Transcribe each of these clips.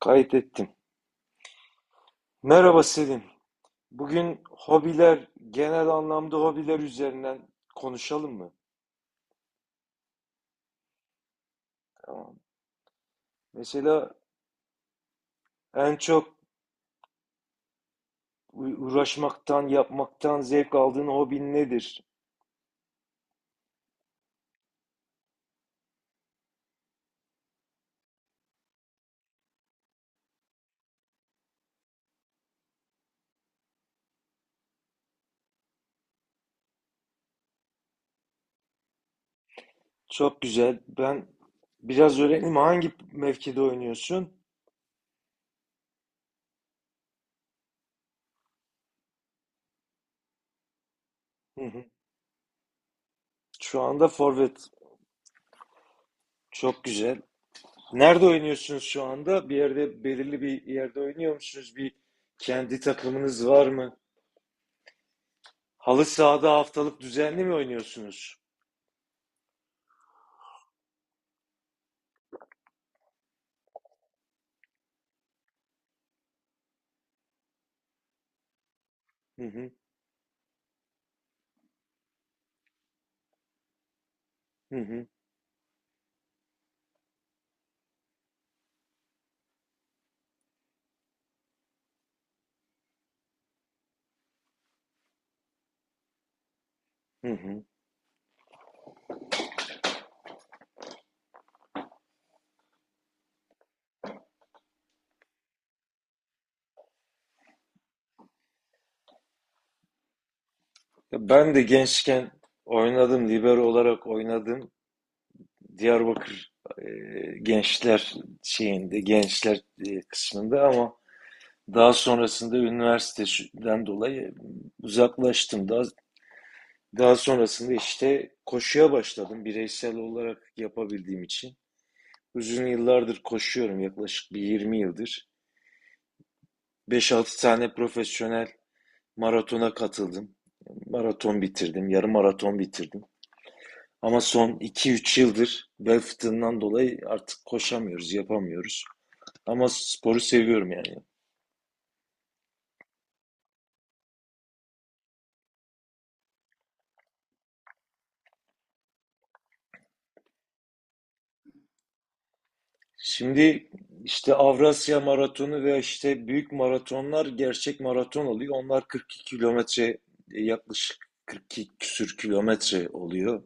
Kaydettim. Merhaba Selim. Bugün hobiler, genel anlamda hobiler üzerinden konuşalım mı? Tamam. Mesela en çok uğraşmaktan, yapmaktan zevk aldığın hobin nedir? Çok güzel. Ben biraz öğreneyim. Hangi mevkide oynuyorsun? Hı hı. Şu anda forvet. Çok güzel. Nerede oynuyorsunuz şu anda? Bir yerde, belirli bir yerde oynuyor musunuz? Bir kendi takımınız var mı? Halı sahada haftalık düzenli mi oynuyorsunuz? Hı hı. Hı hı, hı hı. Ya ben de gençken oynadım, libero olarak oynadım. Diyarbakır e, gençler şeyinde, gençler kısmında, ama daha sonrasında üniversiteden dolayı uzaklaştım. Daha sonrasında işte koşuya başladım bireysel olarak yapabildiğim için. Uzun yıllardır koşuyorum, yaklaşık bir 20 yıldır. Beş altı tane profesyonel maratona katıldım. Maraton bitirdim, yarım maraton bitirdim. Ama son iki üç yıldır bel fıtığından dolayı artık koşamıyoruz, yapamıyoruz. Ama sporu seviyorum yani. Şimdi işte Avrasya Maratonu ve işte büyük maratonlar gerçek maraton oluyor. Onlar 42 kilometre, yaklaşık 42 küsür kilometre oluyor.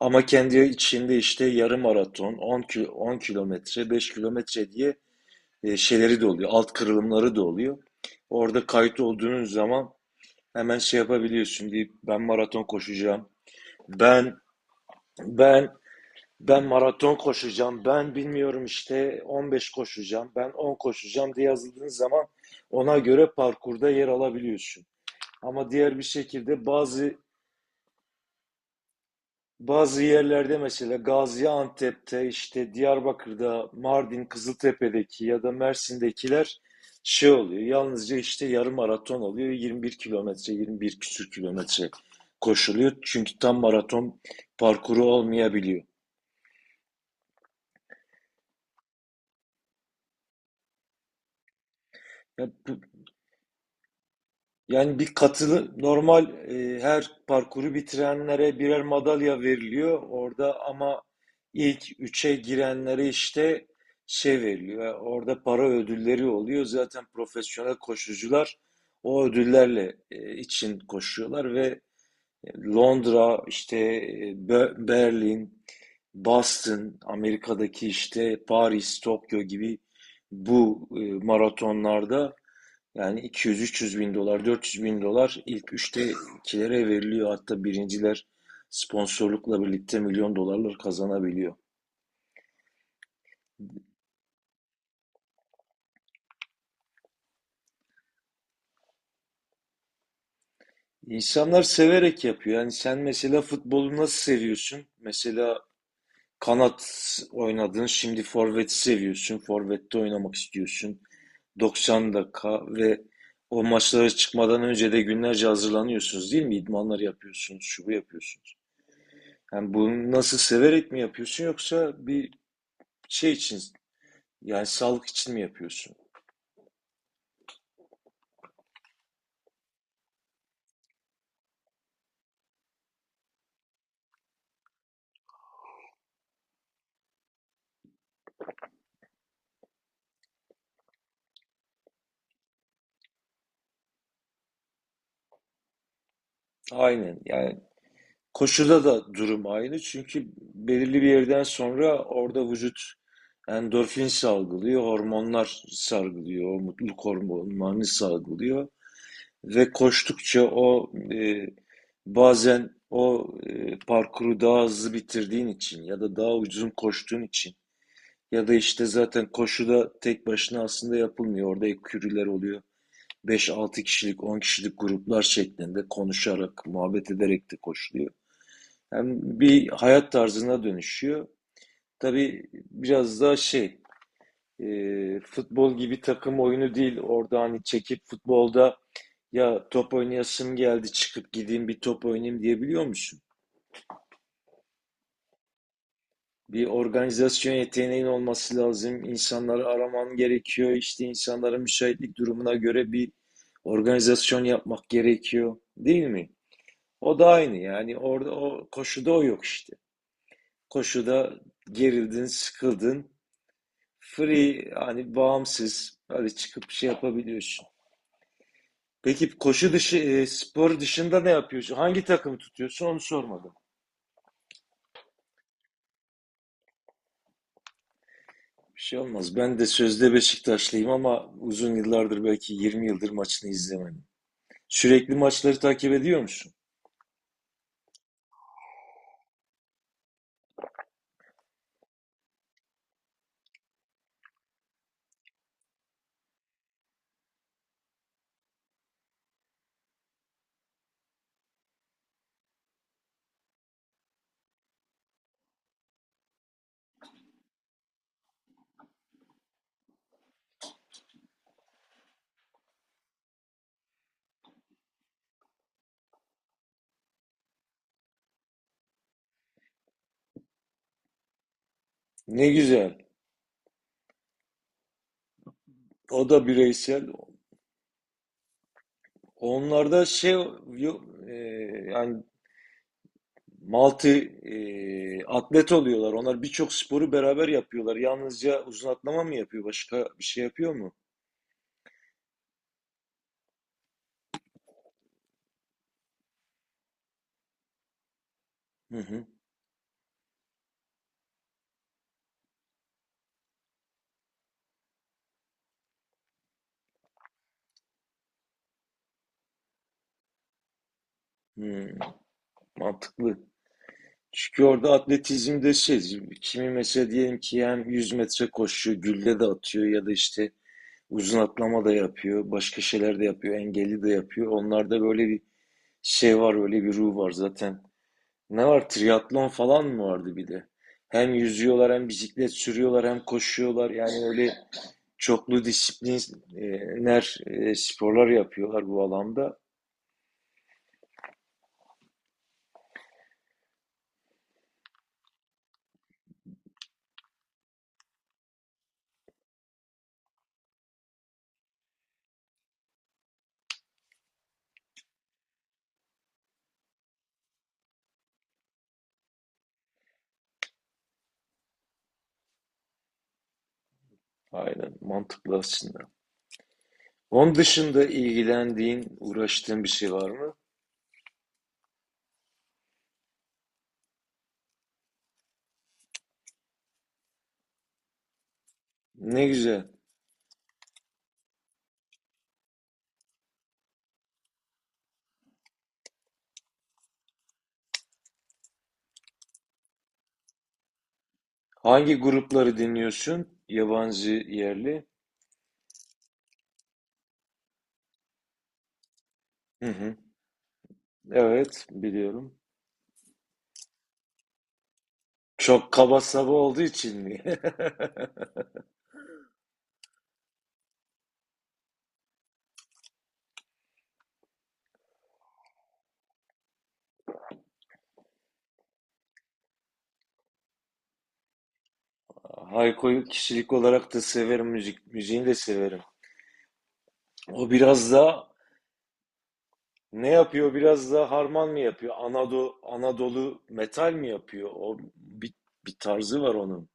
Ama kendi içinde işte yarım maraton, 10 kilo, 10 kilometre, 5 kilometre diye şeyleri de oluyor. Alt kırılımları da oluyor. Orada kayıt olduğunuz zaman hemen şey yapabiliyorsun deyip ben maraton koşacağım. Ben ben ben maraton koşacağım. Ben bilmiyorum, işte 15 koşacağım, ben 10 koşacağım diye yazıldığın zaman ona göre parkurda yer alabiliyorsun. Ama diğer bir şekilde bazı yerlerde, mesela Gaziantep'te, işte Diyarbakır'da, Mardin, Kızıltepe'deki ya da Mersin'dekiler şey oluyor. Yalnızca işte yarım maraton oluyor. 21 kilometre, 21 küsür kilometre koşuluyor. Çünkü tam maraton parkuru olmayabiliyor. Ya bu, Yani bir katılı normal, her parkuru bitirenlere birer madalya veriliyor orada, ama ilk üçe girenlere işte şey veriliyor. Yani orada para ödülleri oluyor. Zaten profesyonel koşucular o ödüllerle için koşuyorlar ve Londra, işte Berlin, Boston, Amerika'daki işte Paris, Tokyo gibi bu maratonlarda yani 200-300 bin dolar, 400 bin dolar ilk üçtekilere veriliyor. Hatta birinciler sponsorlukla birlikte milyon dolarlar kazanabiliyor. İnsanlar severek yapıyor. Yani sen mesela futbolu nasıl seviyorsun? Mesela kanat oynadın, şimdi forvet seviyorsun. Forvette oynamak istiyorsun. 90 dakika, ve o maçlara çıkmadan önce de günlerce hazırlanıyorsunuz değil mi? İdmanlar yapıyorsunuz, şu bu yapıyorsunuz. Yani bunu nasıl severek mi yapıyorsun, yoksa bir şey için, yani sağlık için mi yapıyorsun? Aynen. Yani koşuda da durum aynı. Çünkü belirli bir yerden sonra orada vücut endorfin salgılıyor, hormonlar salgılıyor, o mutluluk hormonlarını salgılıyor ve koştukça o, bazen o parkuru daha hızlı bitirdiğin için ya da daha uzun koştuğun için, ya da işte zaten koşuda tek başına aslında yapılmıyor. Orada ekürüler oluyor. Beş altı kişilik, 10 kişilik gruplar şeklinde konuşarak, muhabbet ederek de koşuluyor. Hem bir hayat tarzına dönüşüyor. Tabii biraz daha şey, futbol gibi takım oyunu değil. Orada hani çekip futbolda, ya top oynayasım geldi, çıkıp gideyim bir top oynayayım diyebiliyor musun? Bir organizasyon yeteneğin olması lazım. İnsanları araman gerekiyor. İşte insanların müsaitlik durumuna göre bir organizasyon yapmak gerekiyor, değil mi? O da aynı yani, orada o koşuda o yok işte. Koşuda gerildin, sıkıldın. Free, hani bağımsız öyle çıkıp şey yapabiliyorsun. Peki koşu dışı, spor dışında ne yapıyorsun? Hangi takımı tutuyorsun, onu sormadım. Bir şey olmaz. Ben de sözde Beşiktaşlıyım, ama uzun yıllardır, belki 20 yıldır maçını izlemedim. Sürekli maçları takip ediyor musun? Ne güzel. O da bireysel. Onlarda şey yok, e, yani multi atlet oluyorlar. Onlar birçok sporu beraber yapıyorlar. Yalnızca uzun atlama mı yapıyor? Başka bir şey yapıyor mu? Hı hı. Hmm, mantıklı. Çünkü orada atletizmde şey, kimi mesela diyelim ki hem 100 metre koşuyor, gülle de atıyor, ya da işte uzun atlama da yapıyor, başka şeyler de yapıyor, engelli de yapıyor. Onlarda böyle bir şey var, öyle bir ruh var zaten. Ne var? Triatlon falan mı vardı bir de? Hem yüzüyorlar, hem bisiklet sürüyorlar, hem koşuyorlar. Yani öyle. Çoklu disipliner sporlar yapıyorlar bu alanda. Aynen, mantıklı aslında. Onun dışında ilgilendiğin, uğraştığın bir şey var mı? Ne güzel. Hangi grupları dinliyorsun? Yabancı, yerli? Hı hı. Evet, biliyorum. Çok kaba saba olduğu için mi? Hayko'yu kişilik olarak da severim, müzik, müziğini de severim. O biraz da Ne yapıyor? Biraz da harman mı yapıyor? Anadolu, metal mi yapıyor? O bir tarzı var onun.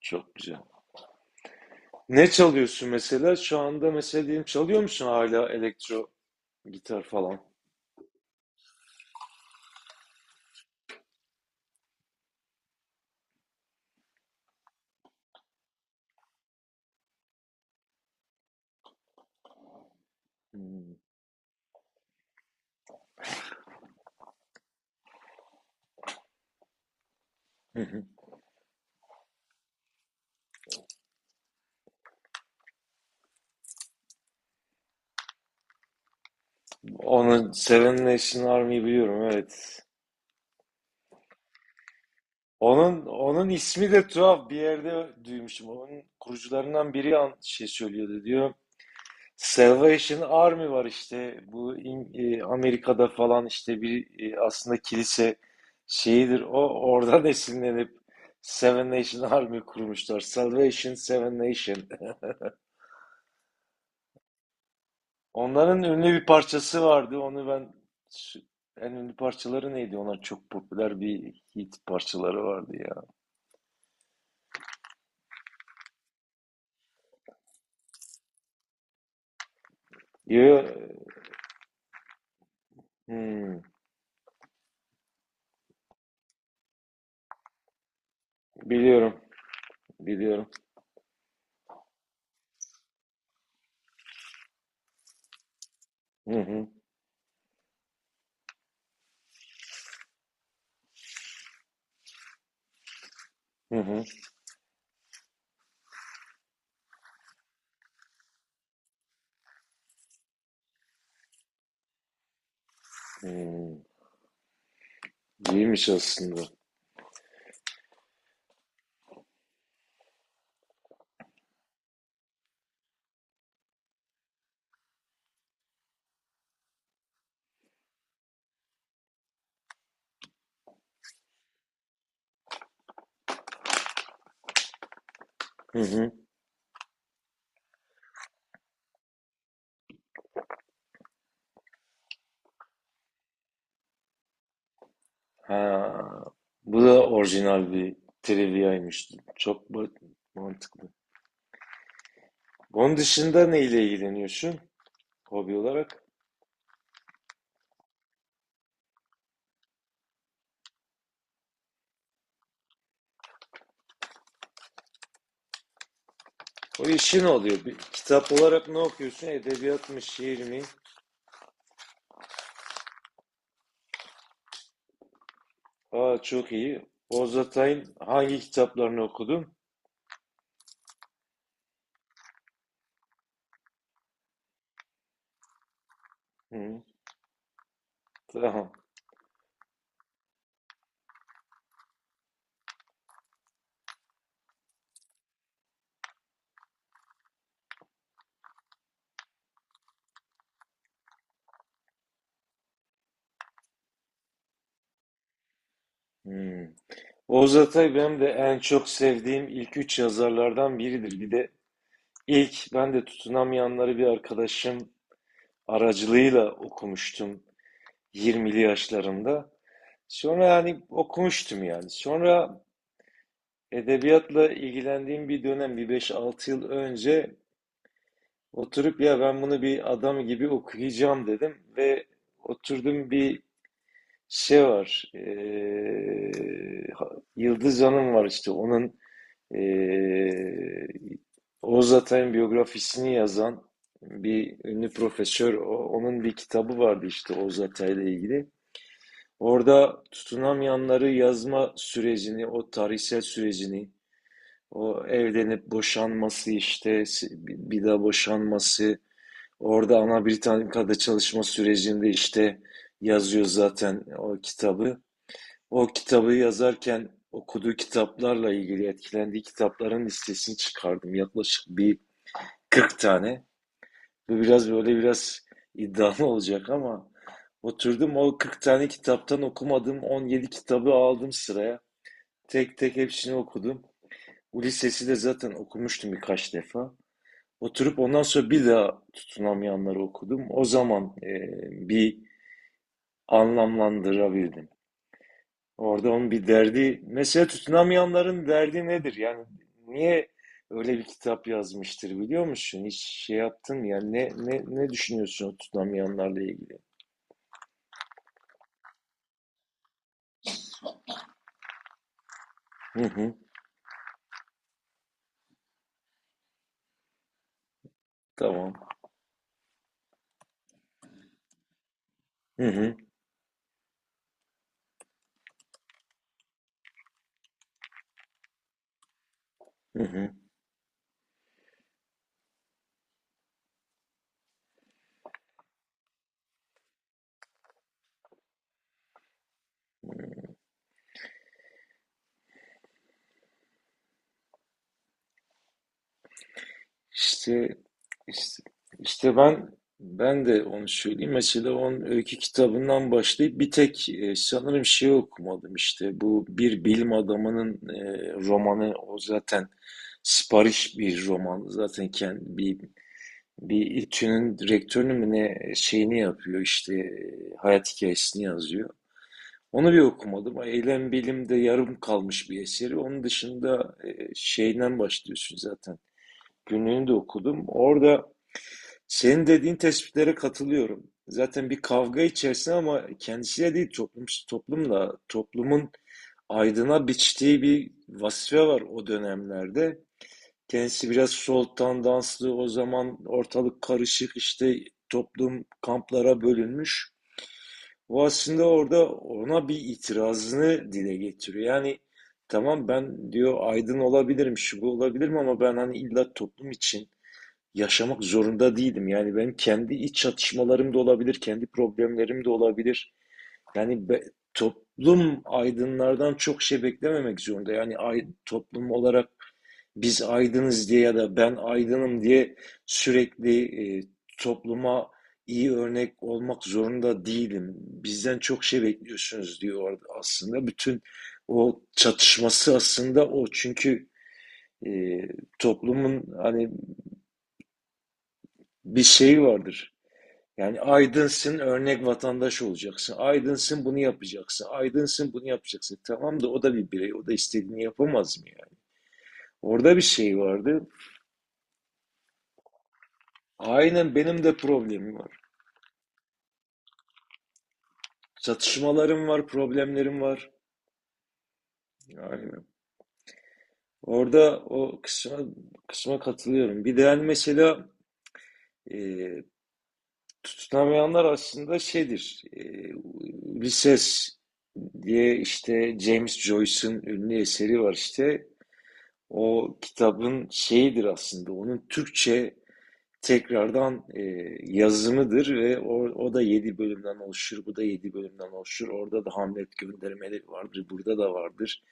Çok güzel. Ne çalıyorsun mesela? Şu anda mesela diyelim çalıyor musun hala elektro gitar falan? Hmm. Hı hı. Onun Seven Nation Army'yi biliyorum, evet. Onun ismi de tuhaf bir yerde duymuşum. Onun kurucularından biri şey söylüyordu diyor. Salvation Army var işte. Bu Amerika'da falan işte bir, aslında kilise şeyidir. O oradan esinlenip Seven Nation Army kurmuşlar. Salvation, Seven Nation. Onların ünlü bir parçası vardı. Onu ben En ünlü parçaları neydi? Onlar çok popüler, bir hit parçaları vardı ya. Yo, yo, hmm, biliyorum. Biliyorum. Hı hı. Hı hı. Hmm, iyiymiş aslında. Hı hı. Ha, bu da orijinal bir triviaymış. Çok mantıklı. Onun dışında neyle ilgileniyorsun, hobi olarak? O işin oluyor. Kitap olarak ne okuyorsun? Edebiyat mı, şiir mi? Aa, çok iyi. Oğuz Atay'ın hangi kitaplarını okudun? Hı, tamam. Hı. Oğuz Atay benim de en çok sevdiğim ilk üç yazarlardan biridir. Bir de ilk ben de tutunamayanları bir arkadaşım aracılığıyla okumuştum. 20'li yaşlarımda. Sonra yani okumuştum yani. Sonra, edebiyatla ilgilendiğim bir dönem, bir beş altı yıl önce, oturup ya ben bunu bir adam gibi okuyacağım dedim ve oturdum, bir şey var. Yıldız Hanım var işte, onun ee, Oğuz Atay'ın biyografisini yazan bir ünlü profesör, onun bir kitabı vardı işte Oğuz Atay'la ilgili. Orada tutunamayanları yazma sürecini, o tarihsel sürecini, o evlenip boşanması işte, bir daha boşanması, orada Ana Britannica'da çalışma sürecinde işte yazıyor zaten o kitabı. O kitabı yazarken okuduğu kitaplarla ilgili etkilendiği kitapların listesini çıkardım. Yaklaşık bir 40 tane. Bu biraz böyle, biraz iddialı olacak ama, oturdum o 40 tane kitaptan okumadığım 17 kitabı aldım sıraya. Tek tek hepsini okudum. Ulysses'i de zaten okumuştum birkaç defa. Oturup ondan sonra bir daha tutunamayanları okudum. O zaman bir anlamlandırabildim. Orada onun bir derdi, mesela tutunamayanların derdi nedir? Yani niye öyle bir kitap yazmıştır biliyor musun? Hiç şey yaptın ya, ne düşünüyorsun o tutunamayanlarla ilgili? Hı hı, tamam. Hı hı, hı hı. İşte, işte, işte, ben de onu söyleyeyim. Mesela onun öykü kitabından başlayıp bir tek, sanırım şey okumadım işte. Bu bir bilim adamının romanı, o zaten sipariş bir roman. Zaten kendi bir İTÜ'nün rektörünü mü ne, şeyini yapıyor işte, hayat hikayesini yazıyor. Onu bir okumadım. Eylem bilimde yarım kalmış bir eseri. Onun dışında, şeyden başlıyorsun zaten. Günlüğünü de okudum. Orada senin dediğin tespitlere katılıyorum. Zaten bir kavga içerisinde, ama kendisiyle değil, toplumun aydına biçtiği bir vazife var o dönemlerde. Kendisi biraz soltan tandanslı, o zaman ortalık karışık, işte toplum kamplara bölünmüş. O aslında orada ona bir itirazını dile getiriyor. Yani tamam ben diyor, aydın olabilirim, şu bu olabilirim, ama ben hani illa toplum için yaşamak zorunda değilim. Yani benim kendi iç çatışmalarım da olabilir, kendi problemlerim de olabilir. Yani toplum aydınlardan çok şey beklememek zorunda. Yani, toplum olarak biz aydınız diye ya da ben aydınım diye sürekli topluma iyi örnek olmak zorunda değilim. Bizden çok şey bekliyorsunuz diyor aslında. Bütün o çatışması aslında o. Çünkü, e, toplumun hani bir şeyi vardır. Yani aydınsın, örnek vatandaş olacaksın. Aydınsın, bunu yapacaksın. Aydınsın, bunu yapacaksın. Tamam da o da bir birey. O da istediğini yapamaz mı yani? Orada bir şey vardı. Aynen, benim de problemim var. Çatışmalarım var, problemlerim var. Aynen. Orada o kısma katılıyorum. Bir de yani, mesela, e, tutunamayanlar aslında şeydir. Bir ses diye işte James Joyce'ın ünlü eseri var işte. O kitabın şeyidir aslında, onun Türkçe tekrardan, yazımıdır ve o da 7 bölümden oluşur, bu da 7 bölümden oluşur. Orada da Hamlet göndermeleri vardır, burada da vardır.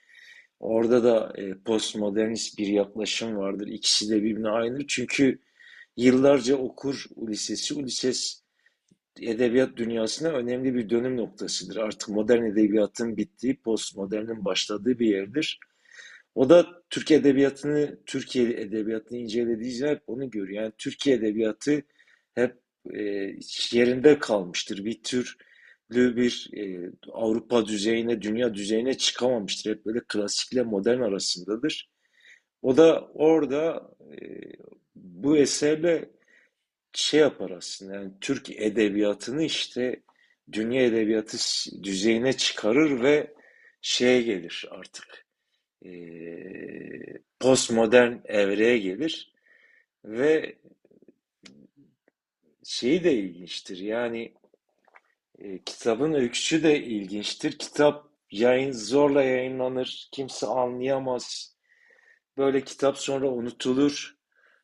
Orada da, postmodernist bir yaklaşım vardır. İkisi de birbirine aynıdır. Çünkü yıllarca okur Ulises'i. Ulises edebiyat dünyasına önemli bir dönüm noktasıdır. Artık modern edebiyatın bittiği, postmodernin başladığı bir yerdir. O da Türk edebiyatını, Türkiye edebiyatını incelediği için hep onu görüyor. Yani Türkiye edebiyatı hep, e, yerinde kalmıştır. Bir türlü bir, Avrupa düzeyine, dünya düzeyine çıkamamıştır. Hep böyle klasikle modern arasındadır. O da orada, bu eserle şey yapar aslında. Yani Türk edebiyatını işte dünya edebiyatı düzeyine çıkarır ve şeye gelir artık, e, postmodern evreye gelir ve şeyi de ilginçtir. Yani, kitabın öyküsü de ilginçtir. Kitap yayın zorla yayınlanır. Kimse anlayamaz. Böyle kitap sonra unutulur.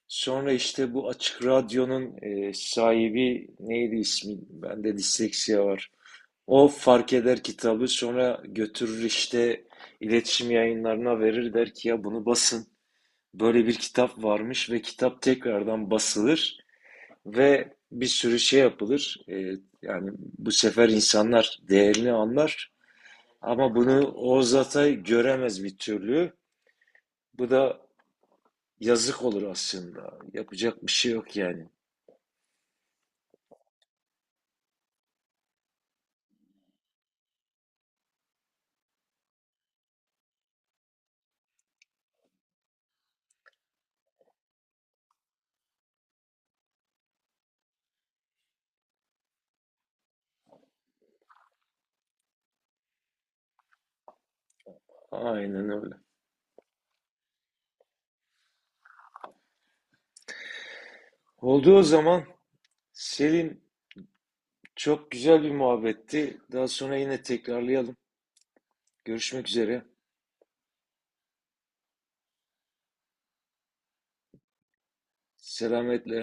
Sonra işte bu Açık Radyo'nun, sahibi neydi ismi? Bende disleksiya var. O fark eder kitabı, sonra götürür işte iletişim yayınları'na verir, der ki ya bunu basın. Böyle bir kitap varmış ve kitap tekrardan basılır ve bir sürü şey yapılır. Yani bu sefer insanlar değerini anlar, ama bunu Oğuz Atay göremez bir türlü. Bu da yazık olur aslında. Yapacak bir şey yok yani. Aynen öyle. Oldu o zaman. Selim, çok güzel bir muhabbetti. Daha sonra yine tekrarlayalım. Görüşmek üzere. Selametle.